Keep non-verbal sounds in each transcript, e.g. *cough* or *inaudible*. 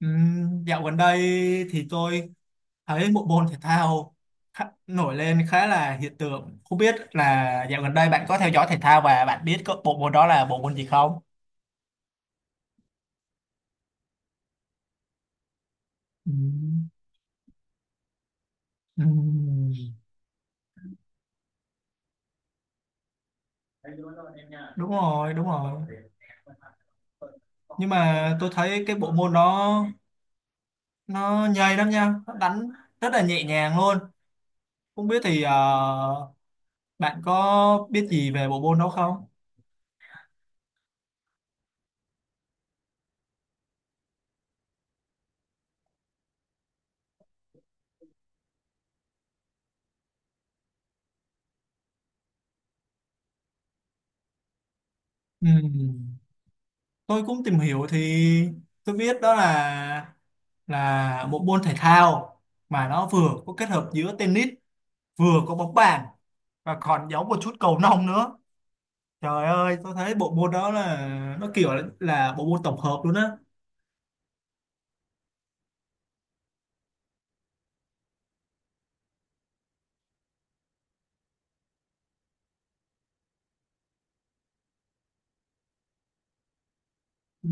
Dạo gần đây thì tôi thấy bộ môn thể thao khá, nổi lên khá là hiện tượng. Không biết là dạo gần đây bạn có theo dõi thể thao và bạn biết có bộ môn đó là bộ môn gì không? Ừm, ừm, Đúng rồi, đúng rồi. Nhưng mà tôi thấy cái bộ môn đó nó nhây lắm nha, nó đánh rất là nhẹ nhàng luôn. Không biết thì bạn có biết gì về bộ môn đó không? Ừm. Tôi cũng tìm hiểu thì tôi biết đó là một môn thể thao mà nó vừa có kết hợp giữa tennis, vừa có bóng bàn và còn giống một chút cầu lông nữa. Trời ơi, tôi thấy bộ môn đó là nó kiểu là bộ môn tổng hợp luôn á. Ừ.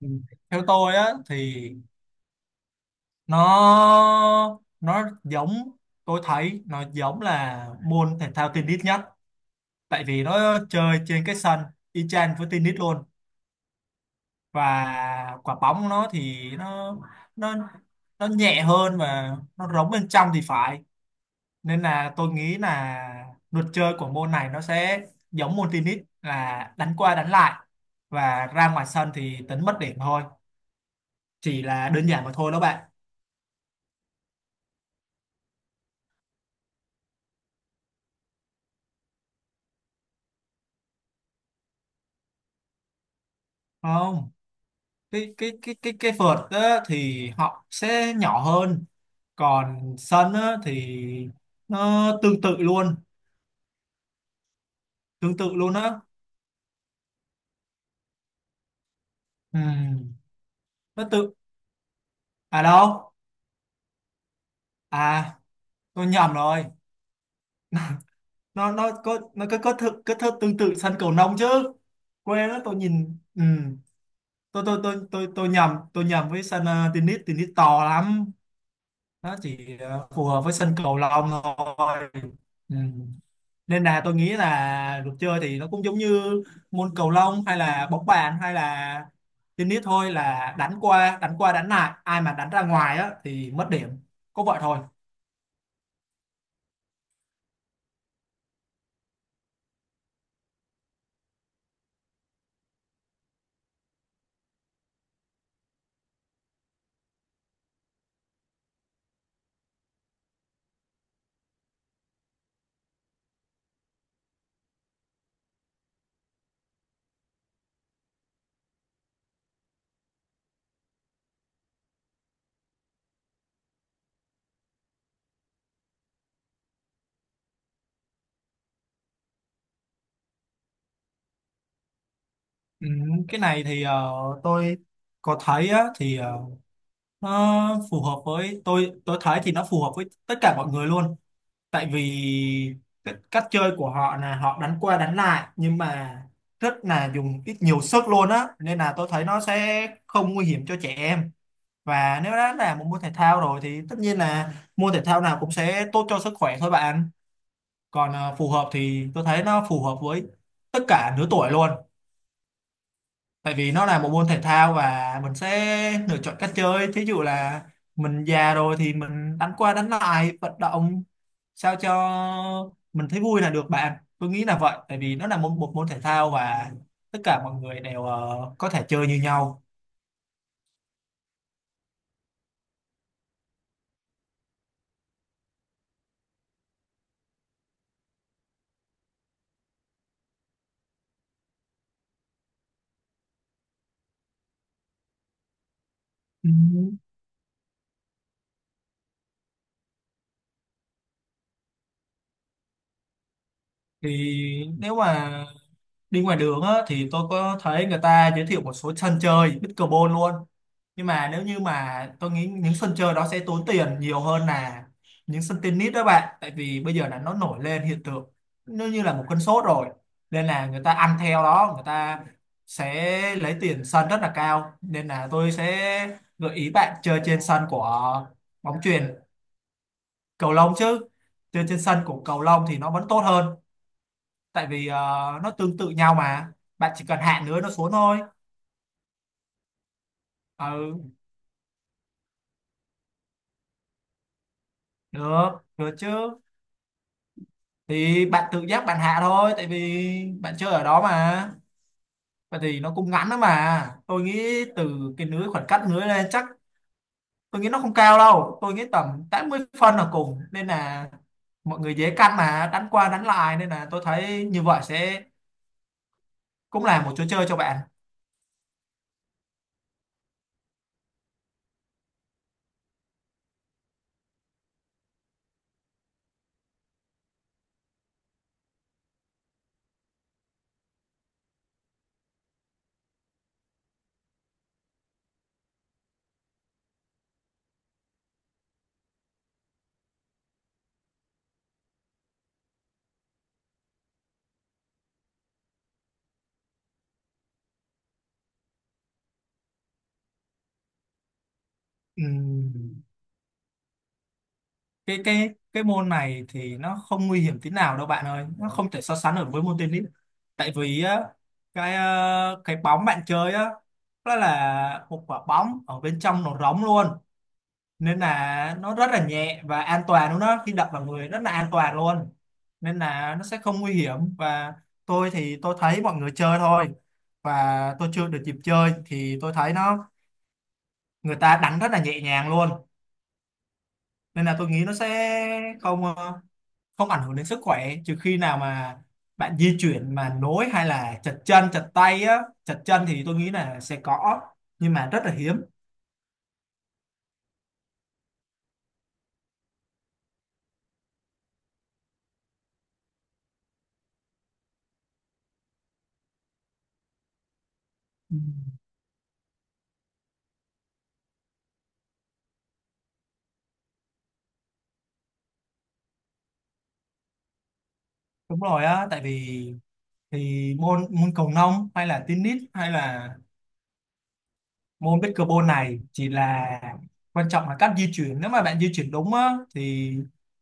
Ừ. Theo tôi á thì nó giống, tôi thấy nó giống là môn thể thao tennis nhất, tại vì nó chơi trên cái sân y chang với tennis luôn. Và quả bóng nó thì nó nó nhẹ hơn và nó rỗng bên trong thì phải, nên là tôi nghĩ là luật chơi của môn này nó sẽ giống môn tennis là đánh qua đánh lại, và ra ngoài sân thì tính mất điểm thôi, chỉ là đơn giản mà thôi đó bạn. Không, cái vợt á, thì họ sẽ nhỏ hơn, còn sân á, thì nó tương tự luôn, tương tự luôn á. Ừm, nó tự, đâu, à, tôi nhầm rồi. Nó nó có nó có có thơ, có thơ tương tự sân cầu lông chứ. Quên đó, tôi nhìn, ừ. Tôi nhầm, tôi nhầm với sân tennis, tennis to lắm. Nó chỉ phù hợp với sân cầu lông thôi. Ừ. Nên là tôi nghĩ là luật chơi thì nó cũng giống như môn cầu lông hay là bóng bàn hay là tennis thôi, là đánh qua đánh lại, ai mà đánh ra ngoài á thì mất điểm, có vậy thôi. Ừ, cái này thì tôi có thấy á, thì nó phù hợp với tôi, thấy thì nó phù hợp với tất cả mọi người luôn. Tại vì cái cách chơi của họ là họ đánh qua đánh lại, nhưng mà rất là dùng ít nhiều sức luôn á, nên là tôi thấy nó sẽ không nguy hiểm cho trẻ em. Và nếu đã là một môn thể thao rồi thì tất nhiên là môn thể thao nào cũng sẽ tốt cho sức khỏe thôi bạn. Còn phù hợp thì tôi thấy nó phù hợp với tất cả lứa tuổi luôn, tại vì nó là một môn thể thao và mình sẽ lựa chọn cách chơi. Thí dụ là mình già rồi thì mình đánh qua đánh lại, vận động sao cho mình thấy vui là được bạn. Tôi nghĩ là vậy, tại vì nó là một môn thể thao và tất cả mọi người đều có thể chơi như nhau. Ừ. Thì nếu mà đi ngoài đường á, thì tôi có thấy người ta giới thiệu một số sân chơi pickleball luôn. Nhưng mà nếu như mà tôi nghĩ những sân chơi đó sẽ tốn tiền nhiều hơn là những sân tennis đó bạn, tại vì bây giờ là nó nổi lên hiện tượng, nó như là một cơn sốt rồi, nên là người ta ăn theo đó, người ta sẽ lấy tiền sân rất là cao. Nên là tôi sẽ gợi ý bạn chơi trên sân của bóng chuyền, cầu lông chứ. Chơi trên sân của cầu lông thì nó vẫn tốt hơn, tại vì nó tương tự nhau mà, bạn chỉ cần hạ nữa nó xuống thôi. Ừ, được được chứ, thì bạn tự giác bạn hạ thôi, tại vì bạn chơi ở đó mà. Vậy thì nó cũng ngắn lắm mà, tôi nghĩ từ cái lưới, khoảng cách lưới lên chắc, tôi nghĩ nó không cao đâu, tôi nghĩ tầm 80 phân là cùng, nên là mọi người dễ căn mà đánh qua đánh lại. Nên là tôi thấy như vậy sẽ cũng là một chỗ chơi cho bạn. Ừ. Cái môn này thì nó không nguy hiểm tí nào đâu bạn ơi, nó không thể so sánh được với môn tennis. Tại vì á, cái cái bóng bạn chơi á, nó là một quả bóng ở bên trong nó rỗng luôn, nên là nó rất là nhẹ và an toàn luôn đó, khi đập vào người rất là an toàn luôn. Nên là nó sẽ không nguy hiểm. Và tôi thì tôi thấy mọi người chơi thôi, và tôi chưa được dịp chơi, thì tôi thấy nó, người ta đánh rất là nhẹ nhàng luôn. Nên là tôi nghĩ nó sẽ không không ảnh hưởng đến sức khỏe, trừ khi nào mà bạn di chuyển mà nối hay là chật chân chật tay á, chật chân thì tôi nghĩ là sẽ có, nhưng mà rất là hiếm. Ừ, đúng rồi á. Tại vì thì môn môn cầu lông hay là tennis hay là môn pickleball này chỉ là, quan trọng là cách di chuyển. Nếu mà bạn di chuyển đúng á, thì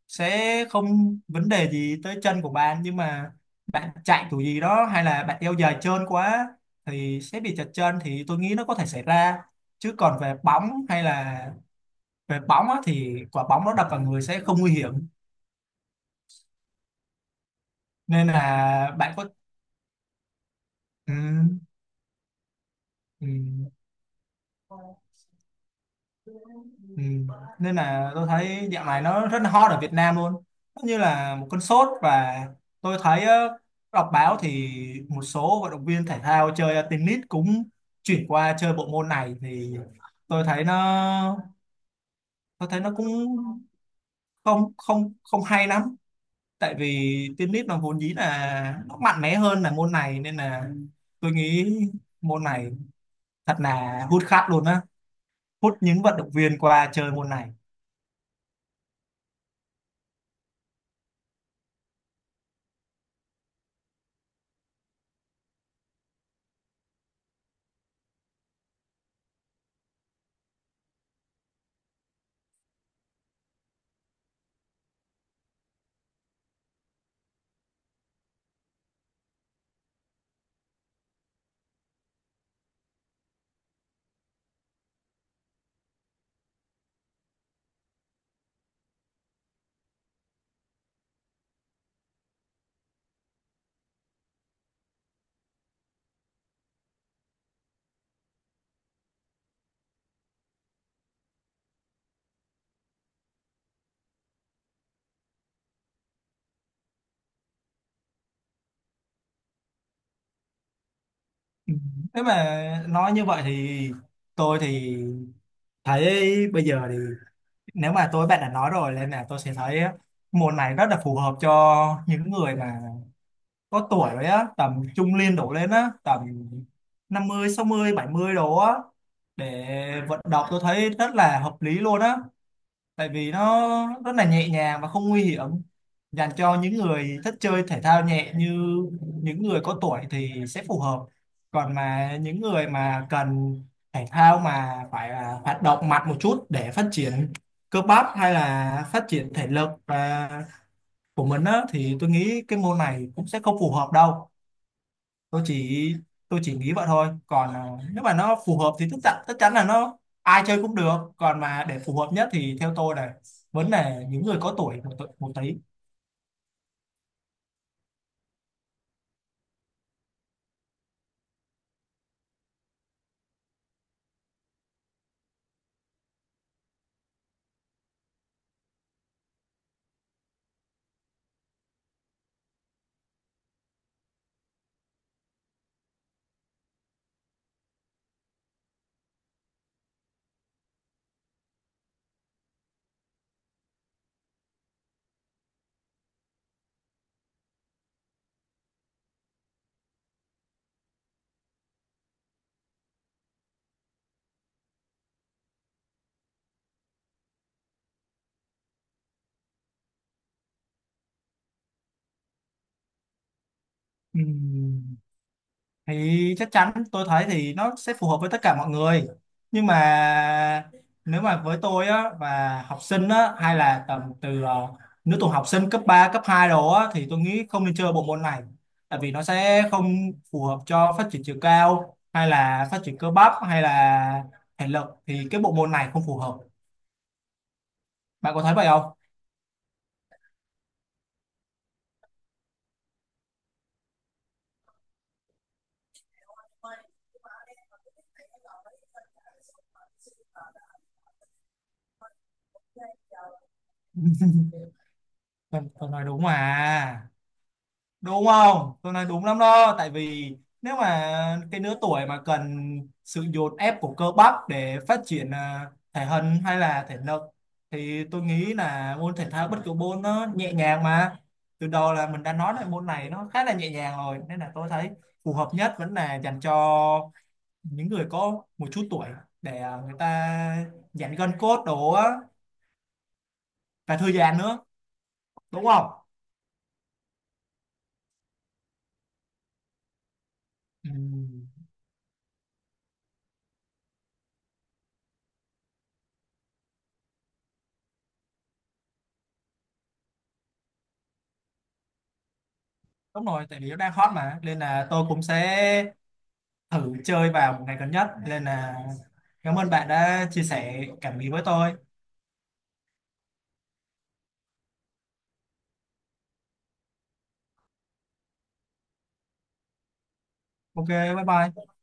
sẽ không vấn đề gì tới chân của bạn. Nhưng mà bạn chạy kiểu gì đó hay là bạn đeo giày trơn quá thì sẽ bị trật chân, thì tôi nghĩ nó có thể xảy ra. Chứ còn về bóng hay là về bóng á, thì quả bóng nó đập vào người sẽ không nguy hiểm. Nên là bạn có, ừ, ừ. Ừ. Nên là tôi thấy dạo này nó rất là hot ở Việt Nam luôn, nó như là một cơn sốt. Và tôi thấy đọc báo thì một số vận động viên thể thao chơi tennis cũng chuyển qua chơi bộ môn này. Thì tôi thấy nó tôi thấy nó cũng không không không hay lắm, tại vì tennis nó vốn dĩ là nó mạnh mẽ hơn là môn này. Nên là tôi nghĩ môn này thật là hút khách luôn á, hút những vận động viên qua chơi môn này. Ừ. Nếu mà nói như vậy thì tôi thì thấy bây giờ thì, nếu mà tôi bạn đã nói rồi, nên là tôi sẽ thấy môn này rất là phù hợp cho những người mà có tuổi rồi á, tầm trung niên đổ lên á, tầm 50, 60, 70 đồ á, để vận động. Tôi thấy rất là hợp lý luôn á, tại vì nó rất là nhẹ nhàng và không nguy hiểm, dành cho những người thích chơi thể thao nhẹ như những người có tuổi thì sẽ phù hợp. Còn mà những người mà cần thể thao mà phải là hoạt động mạnh một chút để phát triển cơ bắp hay là phát triển thể lực của mình á, thì tôi nghĩ cái môn này cũng sẽ không phù hợp đâu. tôi chỉ tôi chỉ nghĩ vậy thôi. Còn nếu mà nó phù hợp thì tất chắn là nó ai chơi cũng được. Còn mà để phù hợp nhất thì theo tôi là vẫn là những người có tuổi một tí. Ừm, thì chắc chắn tôi thấy thì nó sẽ phù hợp với tất cả mọi người. Nhưng mà nếu mà với tôi á, và học sinh á, hay là tầm từ lứa tuổi học sinh cấp ba, cấp 2 đó á, thì tôi nghĩ không nên chơi bộ môn này, tại vì nó sẽ không phù hợp cho phát triển chiều cao hay là phát triển cơ bắp hay là thể lực, thì cái bộ môn này không phù hợp. Bạn có thấy vậy không? *laughs* Tôi nói đúng mà. Đúng không, tôi nói đúng lắm đó. Tại vì nếu mà cái lứa tuổi mà cần sự dồn ép của cơ bắp để phát triển thể hình hay là thể lực, thì tôi nghĩ là môn thể thao bất cứ môn nó nhẹ nhàng mà, từ đầu là mình đã nói là môn này nó khá là nhẹ nhàng rồi, nên là tôi thấy phù hợp nhất vẫn là dành cho những người có một chút tuổi, để người ta giãn gân cốt đồ á, và thư giãn nữa. Đúng không? Ừ. Đúng rồi, tại vì nó đang hot mà, nên là tôi cũng sẽ thử chơi vào một ngày gần nhất. Nên là cảm ơn bạn đã chia sẻ cảm nghĩ với tôi. Ok, bye bye.